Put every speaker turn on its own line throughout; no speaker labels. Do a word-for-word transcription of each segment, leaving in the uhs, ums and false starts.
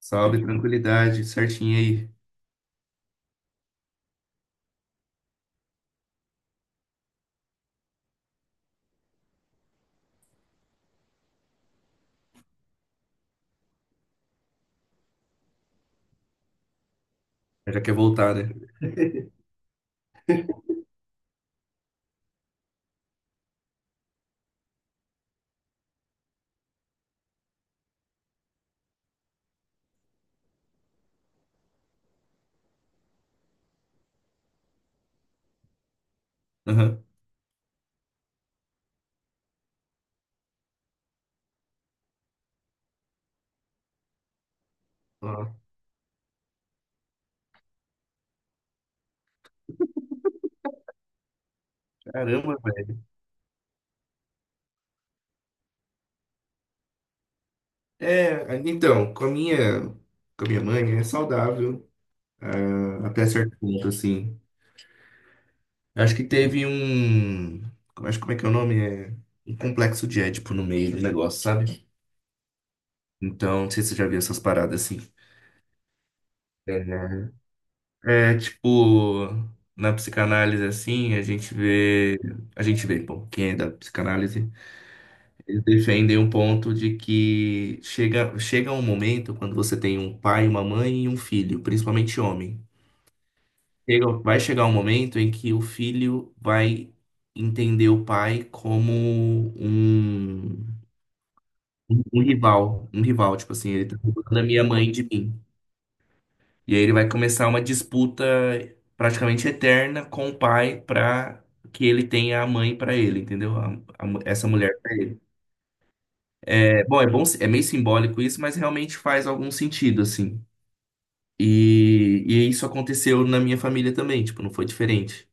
Salve, tranquilidade, certinho aí. Já quer voltar, né? Aham. Ó, caramba, velho. É, então, com a minha, com a minha mãe é saudável, ah, até certo ponto, assim. Acho que teve um. como- Acho como é que é o nome? É um complexo de Édipo no meio do negócio, sabe? Então, não sei se você já viu essas paradas assim. É, é, tipo, na psicanálise, assim, a gente vê. A gente vê, bom, quem é da psicanálise. Eles defendem um ponto de que chega, chega um momento quando você tem um pai, uma mãe e um filho, principalmente homem. Chega- vai chegar um momento em que o filho vai entender o pai como um, um rival. Um rival, tipo assim, ele tá roubando a minha mãe de mim. E aí ele vai começar uma disputa praticamente eterna com o pai pra que ele tenha a mãe pra ele, entendeu? A- a mu- essa mulher pra ele. É bom, é bom, é meio simbólico isso, mas realmente faz algum sentido, assim. E, e isso aconteceu na minha família também, tipo, não foi diferente.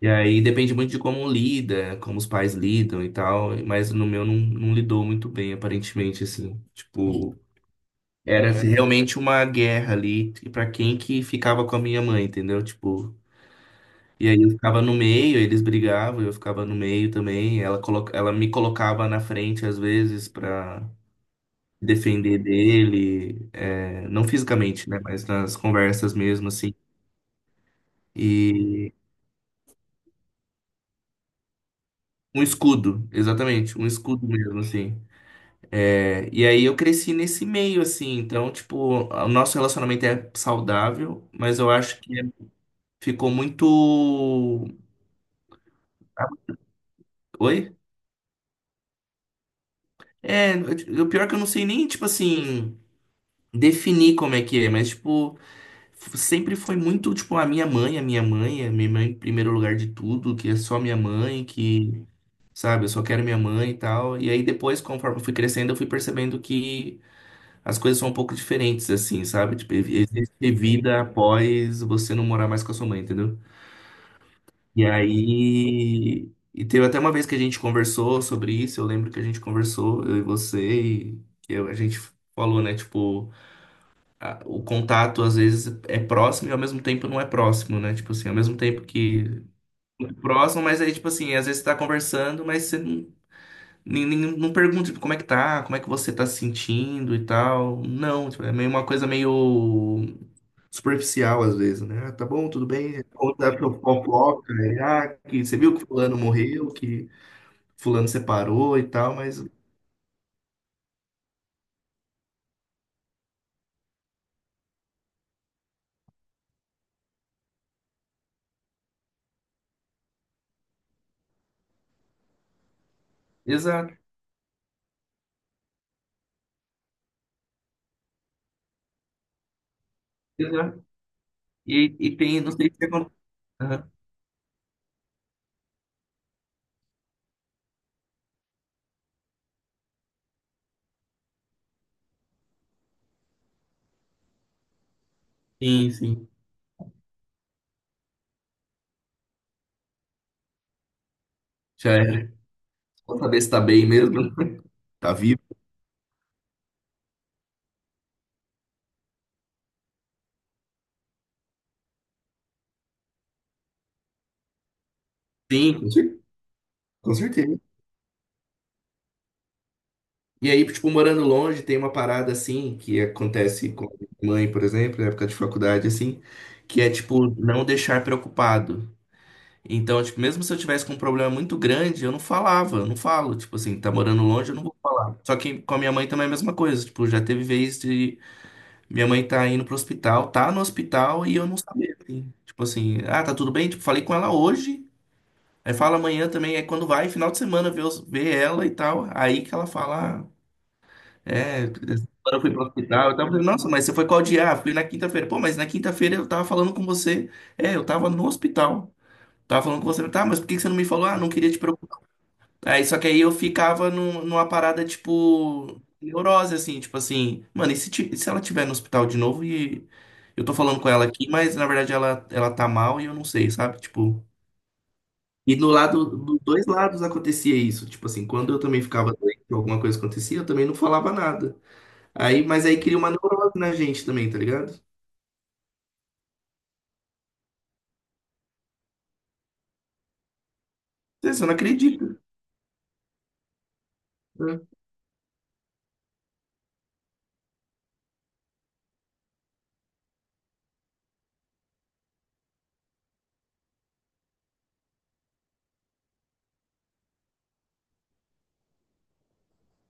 E aí depende muito de como lida, como os pais lidam e tal, mas no meu não, não lidou muito bem, aparentemente, assim. Tipo, era assim, É. realmente uma guerra ali pra quem que ficava com a minha mãe, entendeu? Tipo, e aí eu ficava no meio, eles brigavam, eu ficava no meio também, ela, colo- ela me colocava na frente às vezes pra. Defender dele, é, não fisicamente, né, mas nas conversas mesmo, assim. E um escudo, exatamente, um escudo mesmo, assim. É, e aí eu cresci nesse meio, assim, então, tipo, o nosso relacionamento é saudável, mas eu acho que ficou muito. Oi? É, o pior é que eu não sei nem, tipo assim, definir como é que é, mas, tipo, f- sempre foi muito, tipo, a minha mãe, a minha mãe, a minha mãe em primeiro lugar de tudo, que é só minha mãe, que sabe? Eu só quero minha mãe e tal. E aí depois, conforme eu fui crescendo, eu fui percebendo que as coisas são um pouco diferentes, assim, sabe? Tipo, existe vida após você não morar mais com a sua mãe, entendeu? E aí. E teve até uma vez que a gente conversou sobre isso, eu lembro que a gente conversou, eu e você, e que eu- a gente falou, né? Tipo, a- o contato às vezes é próximo e ao mesmo tempo não é próximo, né? Tipo assim, ao mesmo tempo que próximo, mas aí, tipo assim, às vezes você tá conversando, mas você não Nem, nem- não pergunta, tipo, como é que tá, como é que você tá se sentindo e tal. Não, tipo, é meio uma coisa meio superficial às vezes, né? Ah, tá bom, tudo bem. Ou dá pra fofoca, e, ah, que você viu que fulano morreu, que fulano separou e tal, mas... Exato, exato. E, e tem, não sei se acontece. Sim, sim. Já era. Só saber se tá bem mesmo, tá vivo. Sim, com cer- com certeza. E aí, tipo, morando longe, tem uma parada assim que acontece com a minha mãe, por exemplo, na época de faculdade, assim, que é tipo não deixar preocupado. Então, tipo, mesmo se eu tivesse com um problema muito grande, eu não falava, eu não falo. Tipo assim, tá morando longe, eu não vou falar. Só que com a minha mãe também é a mesma coisa. Tipo, já teve vez de minha mãe tá indo pro hospital, tá no hospital e eu não sabia. assim. Tipo assim, ah, tá tudo bem? Tipo, falei com ela hoje. Aí fala amanhã também, é quando vai, final de semana, ver, os- ver ela e tal. Aí que ela fala. ah, é, quando eu fui pro hospital, então eu tava falando, nossa, mas você foi qual dia? Ah, fui na quinta-feira. Pô, mas na quinta-feira eu tava falando com você. É, eu tava no hospital. Tava falando com você, tá, mas por que que você não me falou? Ah, não queria te preocupar. Aí, só que aí eu ficava num- numa parada, tipo, neurose, assim, tipo assim, mano, e se, ti- e se ela tiver no hospital de novo e eu tô falando com ela aqui, mas na verdade ela, ela tá mal e eu não sei, sabe? Tipo. E no lado, dos dois lados acontecia isso. Tipo assim, quando eu também ficava doente, alguma coisa acontecia, eu também não falava nada. Aí, mas aí cria uma neurose na gente também, tá ligado? Você você não acredita, né?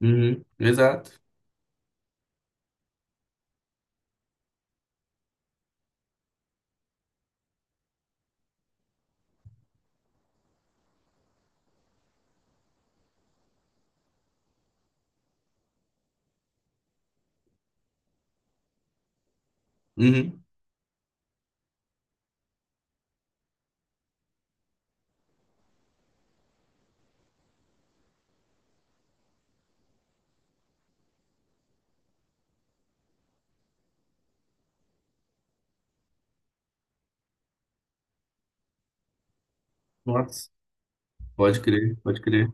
Uhum, exato. Uhum. Nossa, pode crer, pode crer.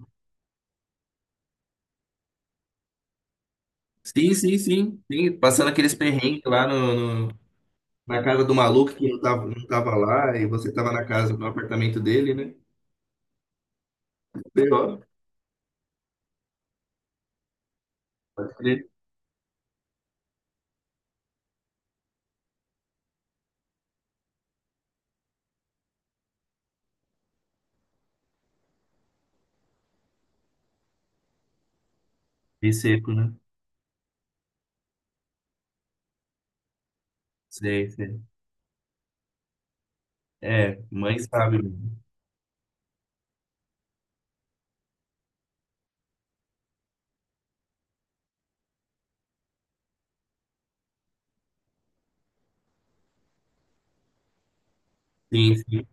Sim, sim, sim, sim. Passando aqueles perrengues lá no, no- na casa do maluco que não tava, não tava lá e você tava na casa, no apartamento dele, né? Pior, pode crer. E seco, né? Sei, sei. É, mãe sabe. mesmo. Sim, sim,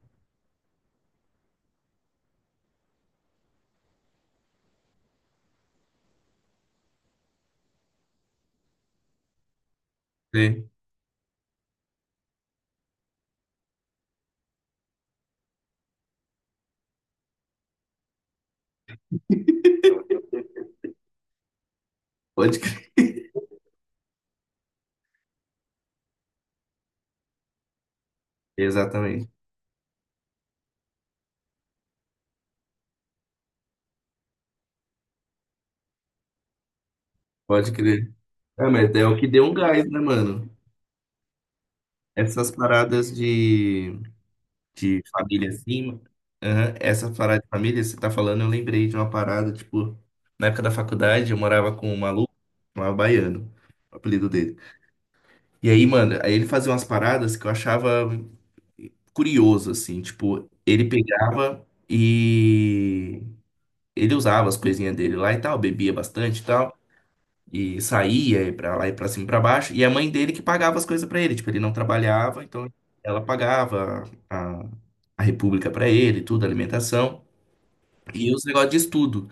sei. Pode crer. Exatamente. Pode crer. É, mas é o que deu um gás, né, mano? Essas paradas de de família assim. aham, Essa parada de família, você tá falando, eu lembrei de uma parada, tipo, na época da faculdade eu morava com um maluco, chamava Baiano, o apelido dele. E aí, mano, aí ele fazia umas paradas que eu achava curioso, assim, tipo, ele pegava e ele usava as coisinhas dele lá e tal, bebia bastante e tal. E saía e pra lá e pra cima e pra baixo. E a mãe dele que pagava as coisas pra ele. Tipo, ele não trabalhava, então ela pagava a, a república pra ele, tudo, alimentação. E os negócios de estudo.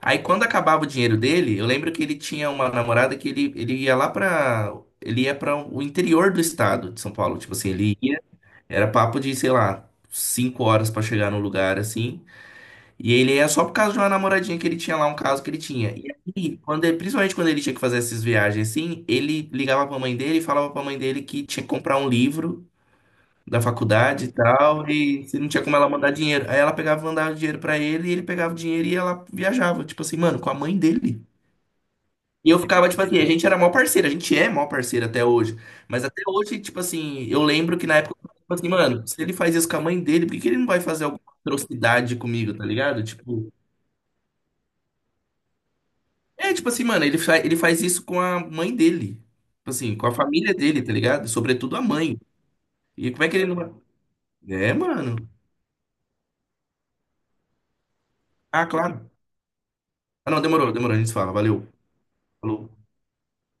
Aí quando acabava o dinheiro dele, eu lembro que ele tinha uma namorada que ele, ele ia lá pra. Ele ia para o interior do estado de São Paulo. Tipo assim, ele ia. Era papo de, sei lá, cinco horas pra chegar no lugar assim. E ele é só por causa de uma namoradinha que ele tinha lá, um caso que ele tinha. E aí, quando ele- principalmente quando ele tinha que fazer essas viagens assim, ele ligava pra mãe dele e falava pra mãe dele que tinha que comprar um livro da faculdade e tal, e se não tinha como ela mandar dinheiro. Aí ela pegava e mandava dinheiro pra ele, e ele pegava o dinheiro e ela viajava, tipo assim, mano, com a mãe dele. E eu ficava, tipo assim, a gente era mó parceiro, a gente é mó parceiro até hoje. Mas até hoje, tipo assim, eu lembro que na época, eu falava assim, mano, se ele faz isso com a mãe dele, por que que ele não vai fazer alguma atrocidade comigo, tá ligado? Tipo. É, tipo assim, mano, ele, fa ele faz isso com a mãe dele. Tipo assim, com a família dele, tá ligado? Sobretudo a mãe. E como é que ele não. É, mano. Ah, claro. Ah, não, demorou, demorou, a gente se fala. Valeu. Falou.